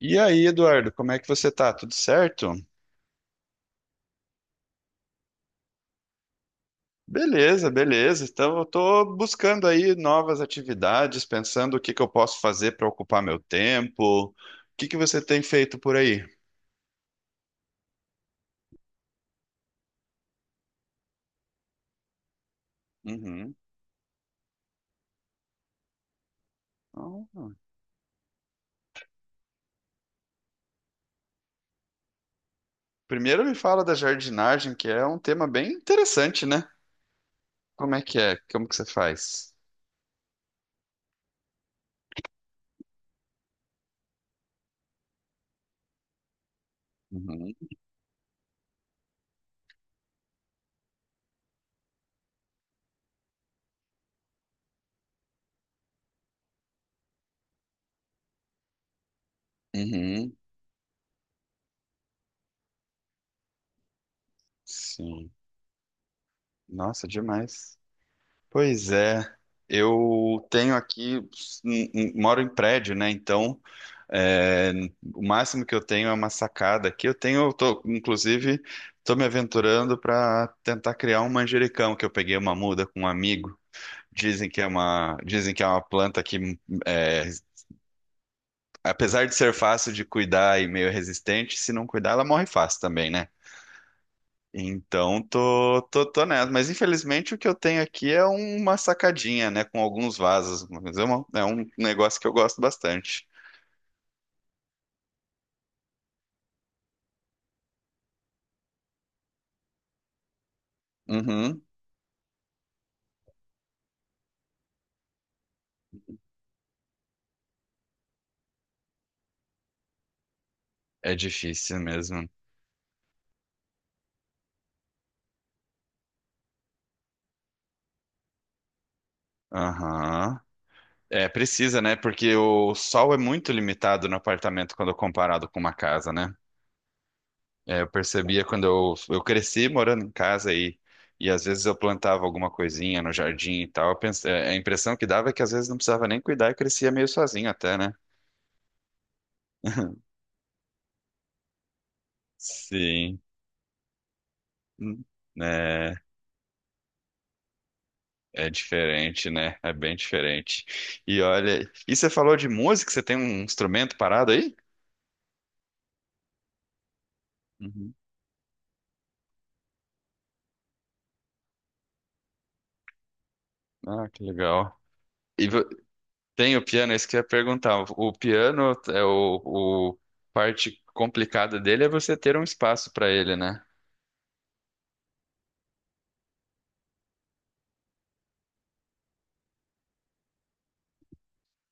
E aí, Eduardo, como é que você tá? Tudo certo? Beleza, beleza. Então, eu tô buscando aí novas atividades, pensando o que eu posso fazer para ocupar meu tempo. O que você tem feito por aí? Uhum. Ah, primeiro me fala da jardinagem, que é um tema bem interessante, né? Como é que é? Como que você faz? Uhum. Uhum. Sim. Nossa, demais. Pois é, eu tenho aqui, moro em prédio, né? Então, é, o máximo que eu tenho é uma sacada aqui. Eu tenho, eu tô, inclusive, estou me aventurando para tentar criar um manjericão, que eu peguei uma muda com um amigo. Dizem que é uma planta que, é, apesar de ser fácil de cuidar e meio resistente, se não cuidar, ela morre fácil também, né? Então, tô nessa. Mas infelizmente o que eu tenho aqui é uma sacadinha, né? Com alguns vasos. Mas é um negócio que eu gosto bastante. Uhum. É difícil mesmo. Aham. É, precisa, né? Porque o sol é muito limitado no apartamento quando comparado com uma casa, né? É, eu percebia quando eu cresci morando em casa e às vezes eu plantava alguma coisinha no jardim e tal. A impressão que dava é que às vezes não precisava nem cuidar e crescia meio sozinho até, né? Sim. Hum. É, é diferente, né? É bem diferente. E olha, e você falou de música? Você tem um instrumento parado aí? Uhum. Ah, que legal. E vo- tem o piano, é isso que eu ia perguntar. O piano é o parte complicada dele é você ter um espaço para ele, né?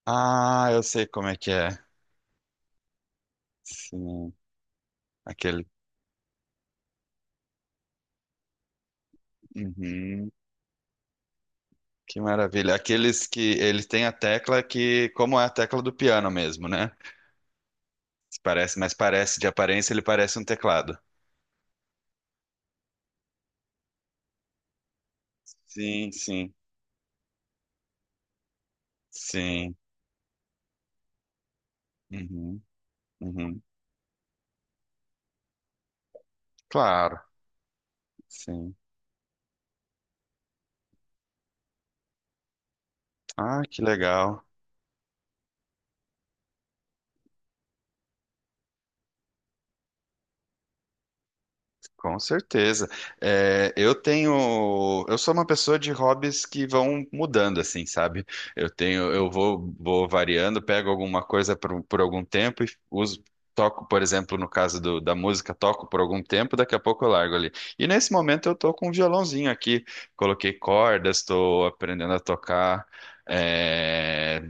Ah, eu sei como é que é. Sim, aquele. Uhum, que maravilha. Aqueles que eles têm a tecla que, como é a tecla do piano mesmo, né? Parece, mas parece de aparência ele parece um teclado. Sim, sim, sim. Uhum, uhum. Claro, sim. Ah, que legal. Com certeza. É, eu tenho, eu sou uma pessoa de hobbies que vão mudando, assim, sabe? Eu tenho, vou variando, pego alguma coisa por algum tempo e uso, toco, por exemplo, no caso da música, toco por algum tempo, daqui a pouco eu largo ali. E nesse momento eu tô com um violãozinho aqui, coloquei cordas, estou aprendendo a tocar, é,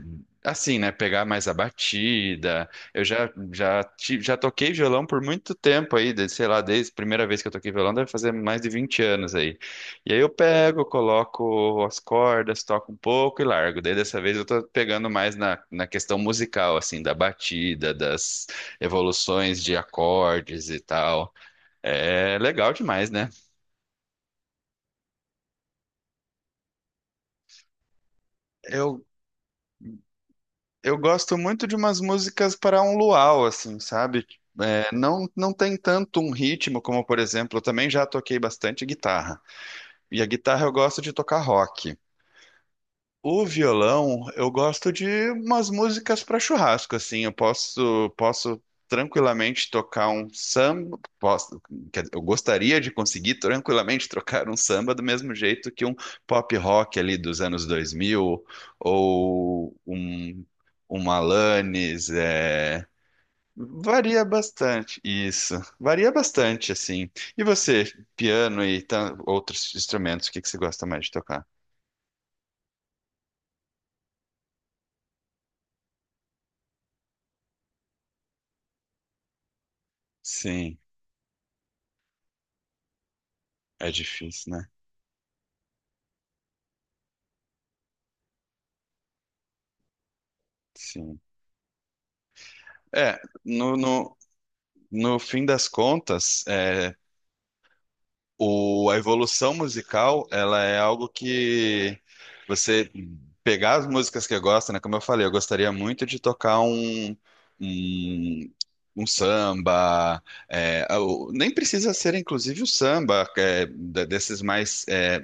assim, né? Pegar mais a batida. Eu já, já, ti- já toquei violão por muito tempo aí, de- sei lá, desde a primeira vez que eu toquei violão, deve fazer mais de 20 anos aí. E aí eu pego, coloco as cordas, toco um pouco e largo. Daí dessa vez eu tô pegando mais na questão musical, assim, da batida, das evoluções de acordes e tal. É legal demais, né? Eu, eu gosto muito de umas músicas para um luau, assim, sabe? Não tem tanto um ritmo como, por exemplo, eu também já toquei bastante guitarra. E a guitarra eu gosto de tocar rock. O violão eu gosto de umas músicas para churrasco, assim. Posso tranquilamente tocar um samba. Posso, quer dizer, eu gostaria de conseguir tranquilamente trocar um samba do mesmo jeito que um pop rock ali dos anos 2000 ou um Alanis. Varia bastante, isso. Varia bastante, assim. E você, outros instrumentos, o que que você gosta mais de tocar? Sim, é difícil, né? Sim. É, no fim das contas, a evolução musical, ela é algo que você pegar as músicas que eu gosto, né? Como eu falei, eu gostaria muito de tocar um, um samba, nem precisa ser inclusive o samba, desses mais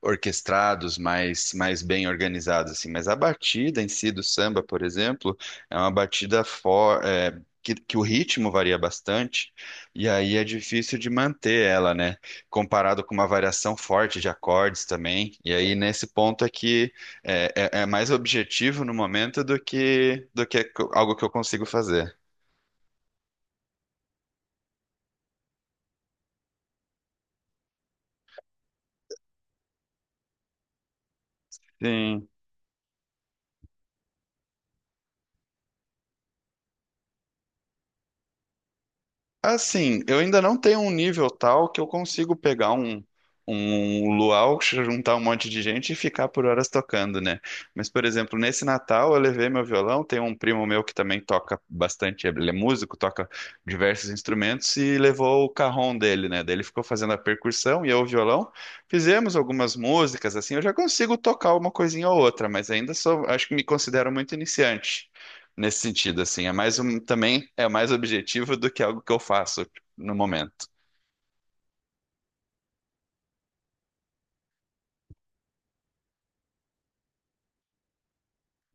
orquestrados, mais bem organizados, assim. Mas a batida em si do samba, por exemplo, é uma batida for, é, que o ritmo varia bastante, e aí é difícil de manter ela, né? Comparado com uma variação forte de acordes também. E aí, nesse ponto aqui, é mais objetivo no momento do que algo que eu consigo fazer. Sim. Assim, eu ainda não tenho um nível tal que eu consigo pegar um luau, juntar um monte de gente e ficar por horas tocando, né? Mas, por exemplo, nesse Natal eu levei meu violão, tem um primo meu que também toca bastante, ele é músico, toca diversos instrumentos e levou o cajón dele, né? Daí ele ficou fazendo a percussão e eu o violão. Fizemos algumas músicas, assim, eu já consigo tocar uma coisinha ou outra, mas ainda sou, acho que me considero muito iniciante nesse sentido, assim. É mais um, também é mais objetivo do que algo que eu faço no momento.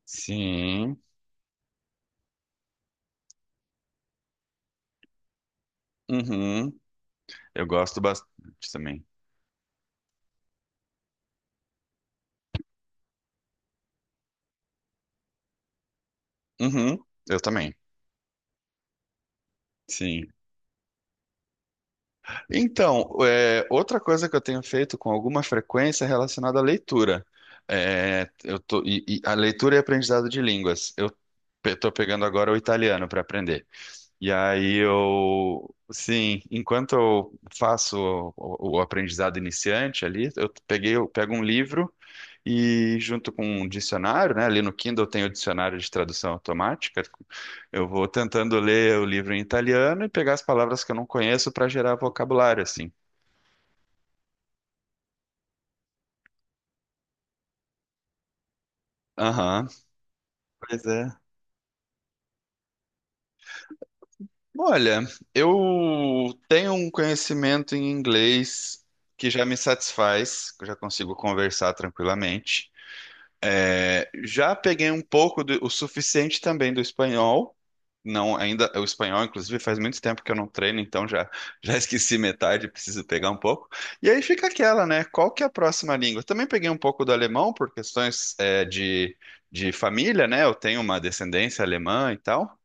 Sim. Uhum. Eu gosto bastante também. Uhum. Eu também. Sim. Então, é, outra coisa que eu tenho feito com alguma frequência é relacionada à leitura. É, e a leitura e aprendizado de línguas. Eu estou pegando agora o italiano para aprender. E aí eu, sim, enquanto eu faço o aprendizado iniciante ali, eu pego um livro e junto com um dicionário, né? Ali no Kindle tem o dicionário de tradução automática. Eu vou tentando ler o livro em italiano e pegar as palavras que eu não conheço para gerar vocabulário, assim. Aham, pois é. Olha, eu tenho um conhecimento em inglês que já me satisfaz, que eu já consigo conversar tranquilamente. É, já peguei um pouco o suficiente também do espanhol. Não, ainda o espanhol, inclusive, faz muito tempo que eu não treino, então já já esqueci metade, preciso pegar um pouco. E aí fica aquela, né? Qual que é a próxima língua? Também peguei um pouco do alemão por questões de família, né? Eu tenho uma descendência alemã e tal.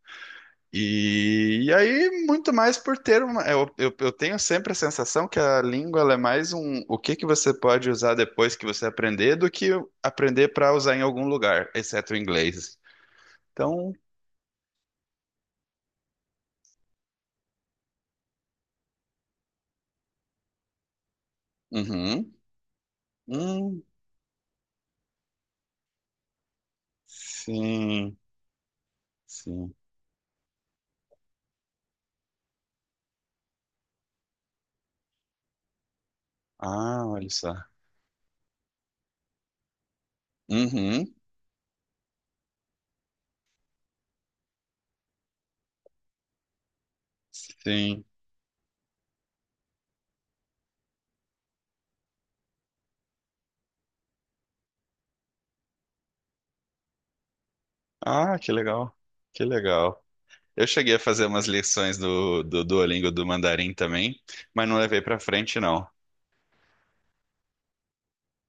E aí, muito mais por ter uma. Eu tenho sempre a sensação que a língua ela é mais um o que que você pode usar depois que você aprender do que aprender para usar em algum lugar, exceto o inglês. Então, uhum, hum, sim, sim. Ah, olha só. Uhum, sim. Ah, que legal. Eu cheguei a fazer umas lições do Duolingo do Mandarim também, mas não levei para frente, não.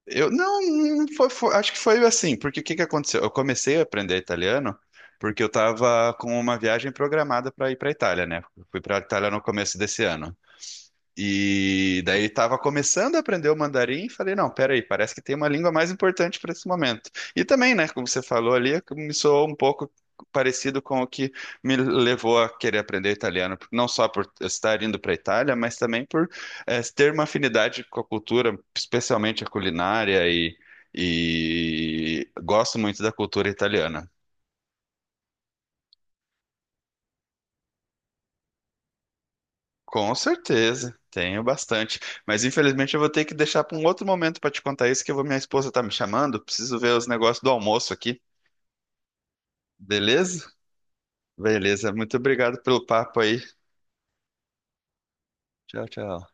Eu não, não foi, foi- acho que foi assim, porque o que que aconteceu? Eu comecei a aprender italiano porque eu estava com uma viagem programada para ir para a Itália, né? Eu fui para a Itália no começo desse ano. E daí ele estava começando a aprender o mandarim e falei, não, peraí, parece que tem uma língua mais importante para esse momento. E também, né, como você falou ali, me soou um pouco parecido com o que me levou a querer aprender italiano, não só por estar indo para a Itália, mas também por ter uma afinidade com a cultura, especialmente a culinária e gosto muito da cultura italiana. Com certeza, tenho bastante. Mas infelizmente eu vou ter que deixar para um outro momento para te contar isso, que eu vou, minha esposa tá me chamando. Preciso ver os negócios do almoço aqui. Beleza? Beleza. Muito obrigado pelo papo aí. Tchau, tchau.